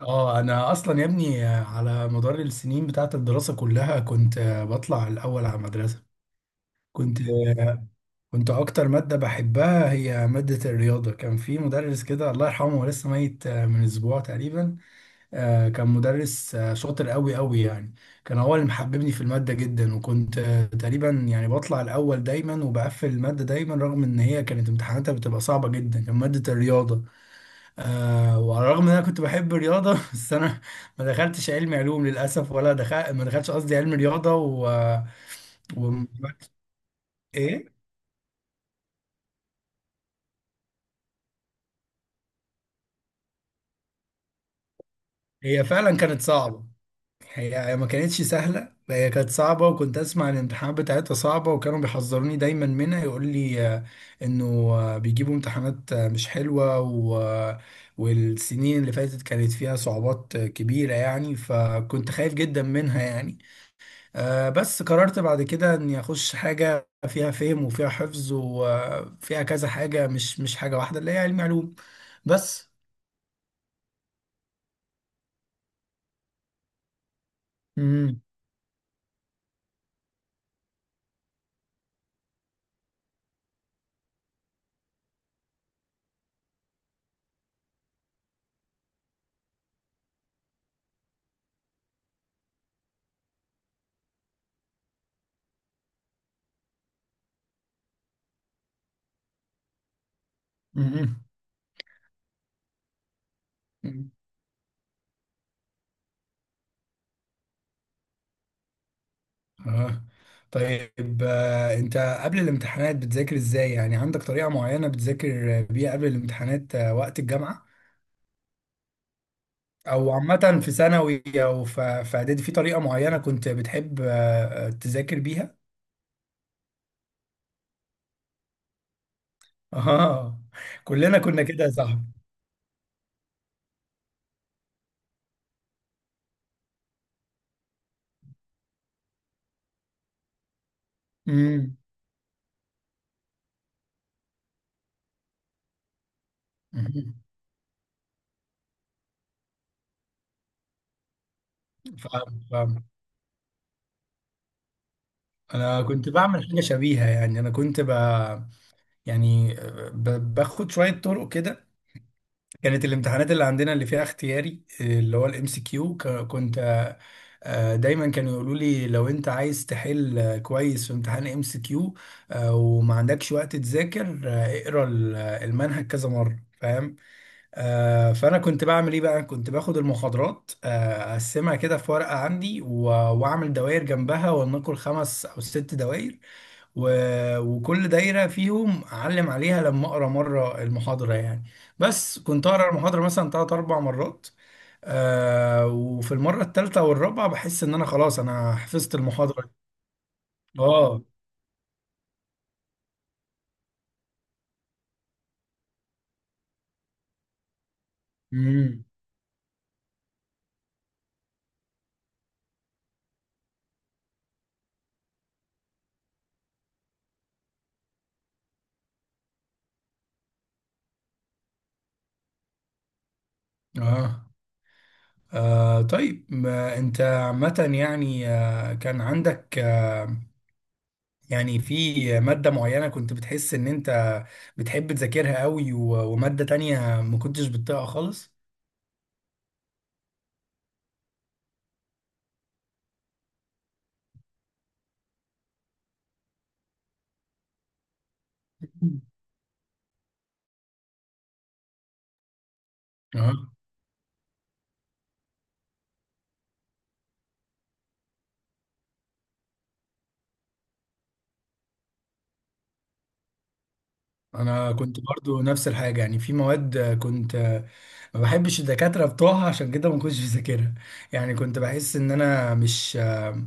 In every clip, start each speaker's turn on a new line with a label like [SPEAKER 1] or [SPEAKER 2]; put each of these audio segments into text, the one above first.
[SPEAKER 1] اه، انا اصلا يا ابني على مدار السنين بتاعت الدراسة كلها كنت بطلع الاول على المدرسة. كنت كنت اكتر مادة بحبها هي مادة الرياضة. كان في مدرس كده، الله يرحمه، هو لسه ميت من اسبوع تقريبا. كان مدرس شاطر قوي قوي يعني. كان هو اللي محببني في المادة جدا، وكنت تقريبا يعني بطلع الاول دايما وبقفل المادة دايما، رغم ان هي كانت امتحاناتها بتبقى صعبة جدا. كان مادة الرياضة. وعلى الرغم ان انا كنت بحب الرياضه بس انا ما دخلتش علم علوم للاسف، ولا دخل ما دخلتش قصدي علم رياضه و... ايه. هي فعلا كانت صعبه. هي ما كانتش سهله. هي كانت صعبه، وكنت اسمع الامتحانات بتاعتها صعبه، وكانوا بيحذروني دايما منها. يقول لي انه بيجيبوا امتحانات مش حلوه. والسنين اللي فاتت كانت فيها صعوبات كبيره يعني، فكنت خايف جدا منها يعني. بس قررت بعد كده اني اخش حاجه فيها فهم وفيها حفظ وفيها كذا حاجه، مش حاجه واحده، اللي هي علم علوم. بس. امم امم اه طيب، انت قبل الامتحانات بتذاكر ازاي؟ يعني عندك طريقه معينه بتذاكر بيها قبل الامتحانات وقت الجامعه، او عامه في ثانوي، او في اعدادي، في طريقه معينه كنت بتحب تذاكر بيها؟ اه، كلنا كنا كده يا صاحبي. امم، فاهم، فاهم. انا كنت بعمل حاجه شبيهه. يعني انا كنت يعني باخد شويه طرق كده. كانت الامتحانات اللي عندنا اللي فيها اختياري، اللي هو الام سي كيو، كنت آه، دايما كانوا يقولوا لي لو انت عايز تحل كويس في امتحان ام سي كيو وما عندكش وقت تذاكر، اقرا المنهج كذا مره، فاهم؟ فانا كنت بعمل ايه بقى؟ كنت باخد المحاضرات، اقسمها كده في ورقه عندي، واعمل دوائر جنبها، ولنقل خمس او ست دوائر و... وكل دايرة فيهم أعلم عليها لما أقرأ مرة المحاضرة يعني. بس كنت أقرأ المحاضرة مثلا تلات أربع مرات. وفي المرة التالتة والرابعة بحس إن أنا خلاص، أنا حفظت المحاضرة. آه امم آه طيب، ما أنت عامة يعني، كان عندك يعني في مادة معينة كنت بتحس إن أنت بتحب تذاكرها قوي، ومادة تانية ما كنتش بتطيقها خالص؟ آه، انا كنت برضو نفس الحاجه. يعني في مواد آه، كنت آه، ما بحبش الدكاتره بتوعها، عشان كده ما كنتش بذاكرها. يعني كنت بحس ان انا مش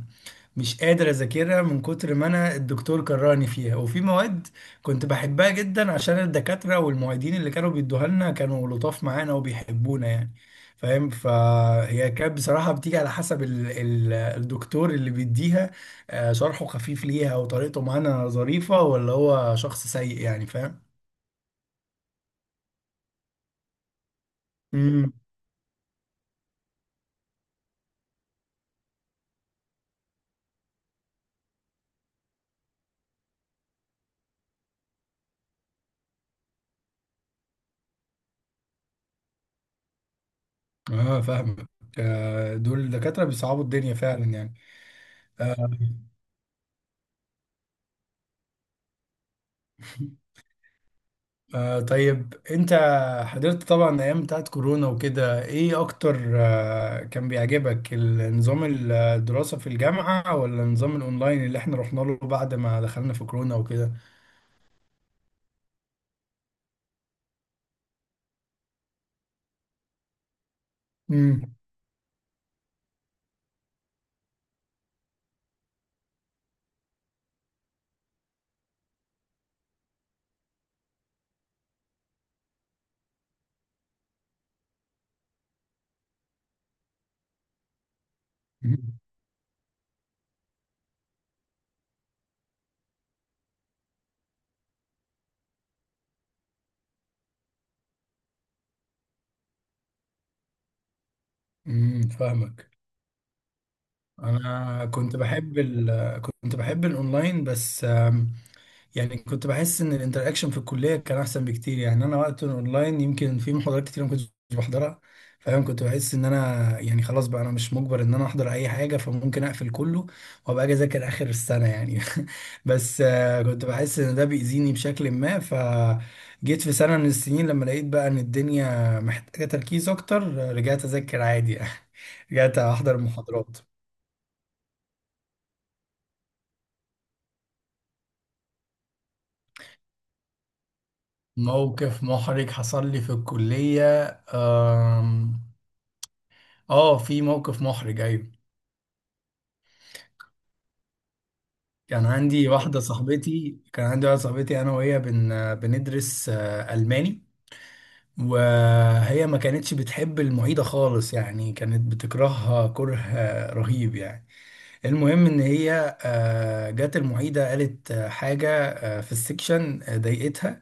[SPEAKER 1] مش قادر اذاكرها، من كتر ما انا الدكتور كرهني فيها. وفي مواد كنت بحبها جدا عشان الدكاتره والمعيدين اللي كانوا بيدوها لنا كانوا لطاف معانا وبيحبونا يعني، فاهم؟ فهي كانت بصراحه بتيجي على حسب الدكتور اللي بيديها، شرحه خفيف ليها وطريقته معانا ظريفه ولا هو شخص سيء، يعني فاهم؟ امم، اه، فاهمك. دول دكاترة بيصعبوا الدنيا فعلا يعني. آه طيب، انت حضرت طبعا ايام بتاعت كورونا وكده. ايه اكتر كان بيعجبك، النظام الدراسة في الجامعة ولا النظام الاونلاين اللي احنا رحنا له بعد ما دخلنا في كورونا وكده؟ امم، امم، فاهمك. انا كنت بحب كنت بحب الاونلاين، بس يعني كنت بحس ان الانتراكشن في الكليه كان احسن بكتير. يعني انا وقت اونلاين يمكن في محاضرات كتير ما كنتش بحضرها، فاهم؟ كنت بحس ان انا يعني خلاص بقى انا مش مجبر ان انا احضر اي حاجه، فممكن اقفل كله وابقى اجي اذاكر اخر السنه يعني. بس كنت بحس ان ده بيأذيني بشكل ما، فجيت في سنه من السنين لما لقيت بقى ان الدنيا محتاجه تركيز اكتر، رجعت اذاكر عادي يعني. رجعت احضر محاضرات. موقف محرج حصل لي في الكليه؟ آم، اه، في موقف محرج، ايوه. كان عندي واحده صاحبتي، انا وهي بندرس الماني. وهي ما كانتش بتحب المعيده خالص، يعني كانت بتكرهها كره رهيب يعني. المهم ان هي جت المعيده قالت حاجه في السكشن ضايقتها،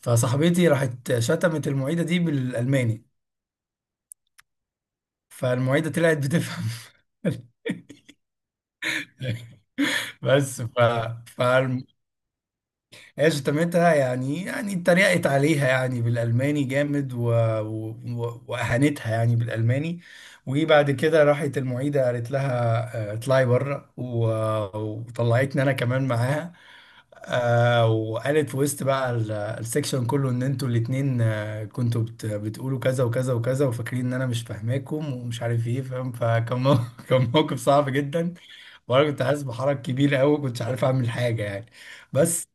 [SPEAKER 1] فصاحبتي راحت شتمت المعيده دي بالالماني، فالمعيده طلعت بتفهم. بس فالمهم هي شتمتها، يعني اتريقت عليها يعني بالألماني جامد، وأهانتها يعني بالألماني. وبعد كده راحت المعيدة قالت لها اطلعي بره، وطلعتني أنا كمان معاها. وقالت في وسط بقى السكشن كله إن أنتوا الاتنين كنتوا بتقولوا كذا وكذا وكذا، وفاكرين إن أنا مش فاهماكم ومش عارف إيه، فاهم؟ كان موقف صعب جدا، وأنا كنت حاسس بحرج كبير أوي، كنتش عارف أعمل حاجة يعني. بس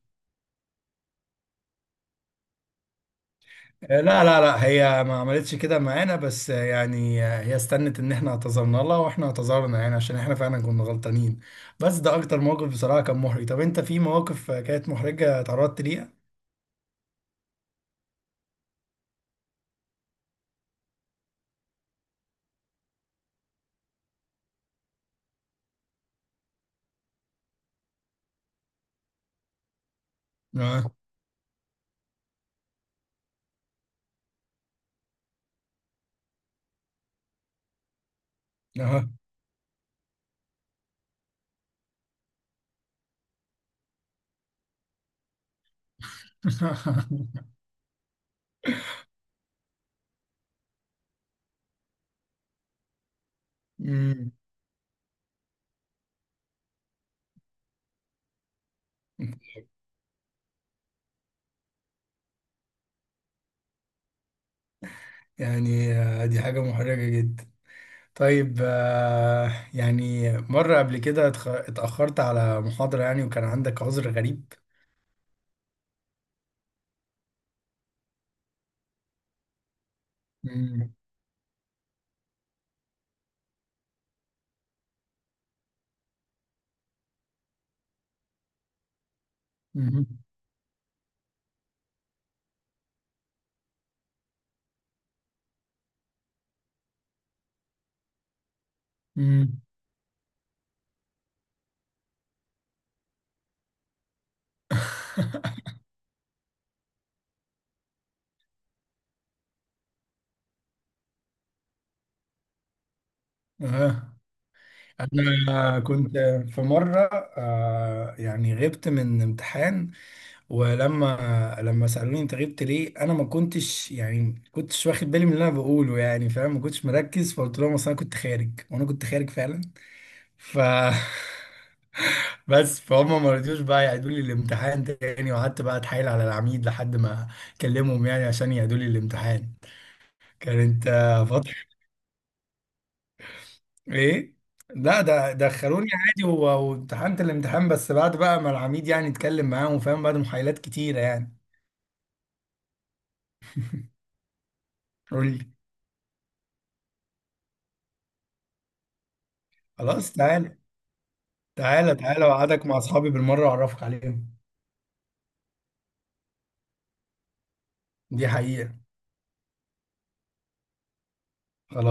[SPEAKER 1] لا، لا، لا، هي ما عملتش كده معانا، بس يعني هي استنت ان احنا اعتذرنا لها واحنا اعتذرنا، يعني عشان احنا فعلا كنا غلطانين. بس ده اكتر موقف بصراحة كان محرج. طب انت في مواقف كانت محرجة اتعرضت ليها؟ اه، اه. أمم. يعني دي حاجة محرجة جدا. طيب يعني مرة قبل كده اتأخرت على محاضرة يعني، وكان عندك عذر غريب؟ مم. مم. مم. اه، أنا كنت في مرة يعني غبت من امتحان، ولما سألوني أنت غبت ليه، أنا ما كنتش يعني كنتش واخد بالي من اللي أنا بقوله، يعني فاهم، ما كنتش مركز، فقلت لهم أصل أنا كنت خارج، وأنا كنت خارج فعلا. ف بس فهم ما رضيوش بقى يعيدوا لي الامتحان تاني، وقعدت بقى أتحايل على العميد لحد ما كلمهم يعني عشان يعيدوا لي الامتحان. كانت فترة. ايه. لا، ده دخلوني عادي، وامتحنت الامتحان بس بعد بقى ما العميد يعني اتكلم معاهم، فاهم، بعد محايلات كتيرة يعني. قول لي. خلاص، تعالى، تعالى، تعالى، وقعدك مع اصحابي بالمرة واعرفك عليهم. دي حقيقة.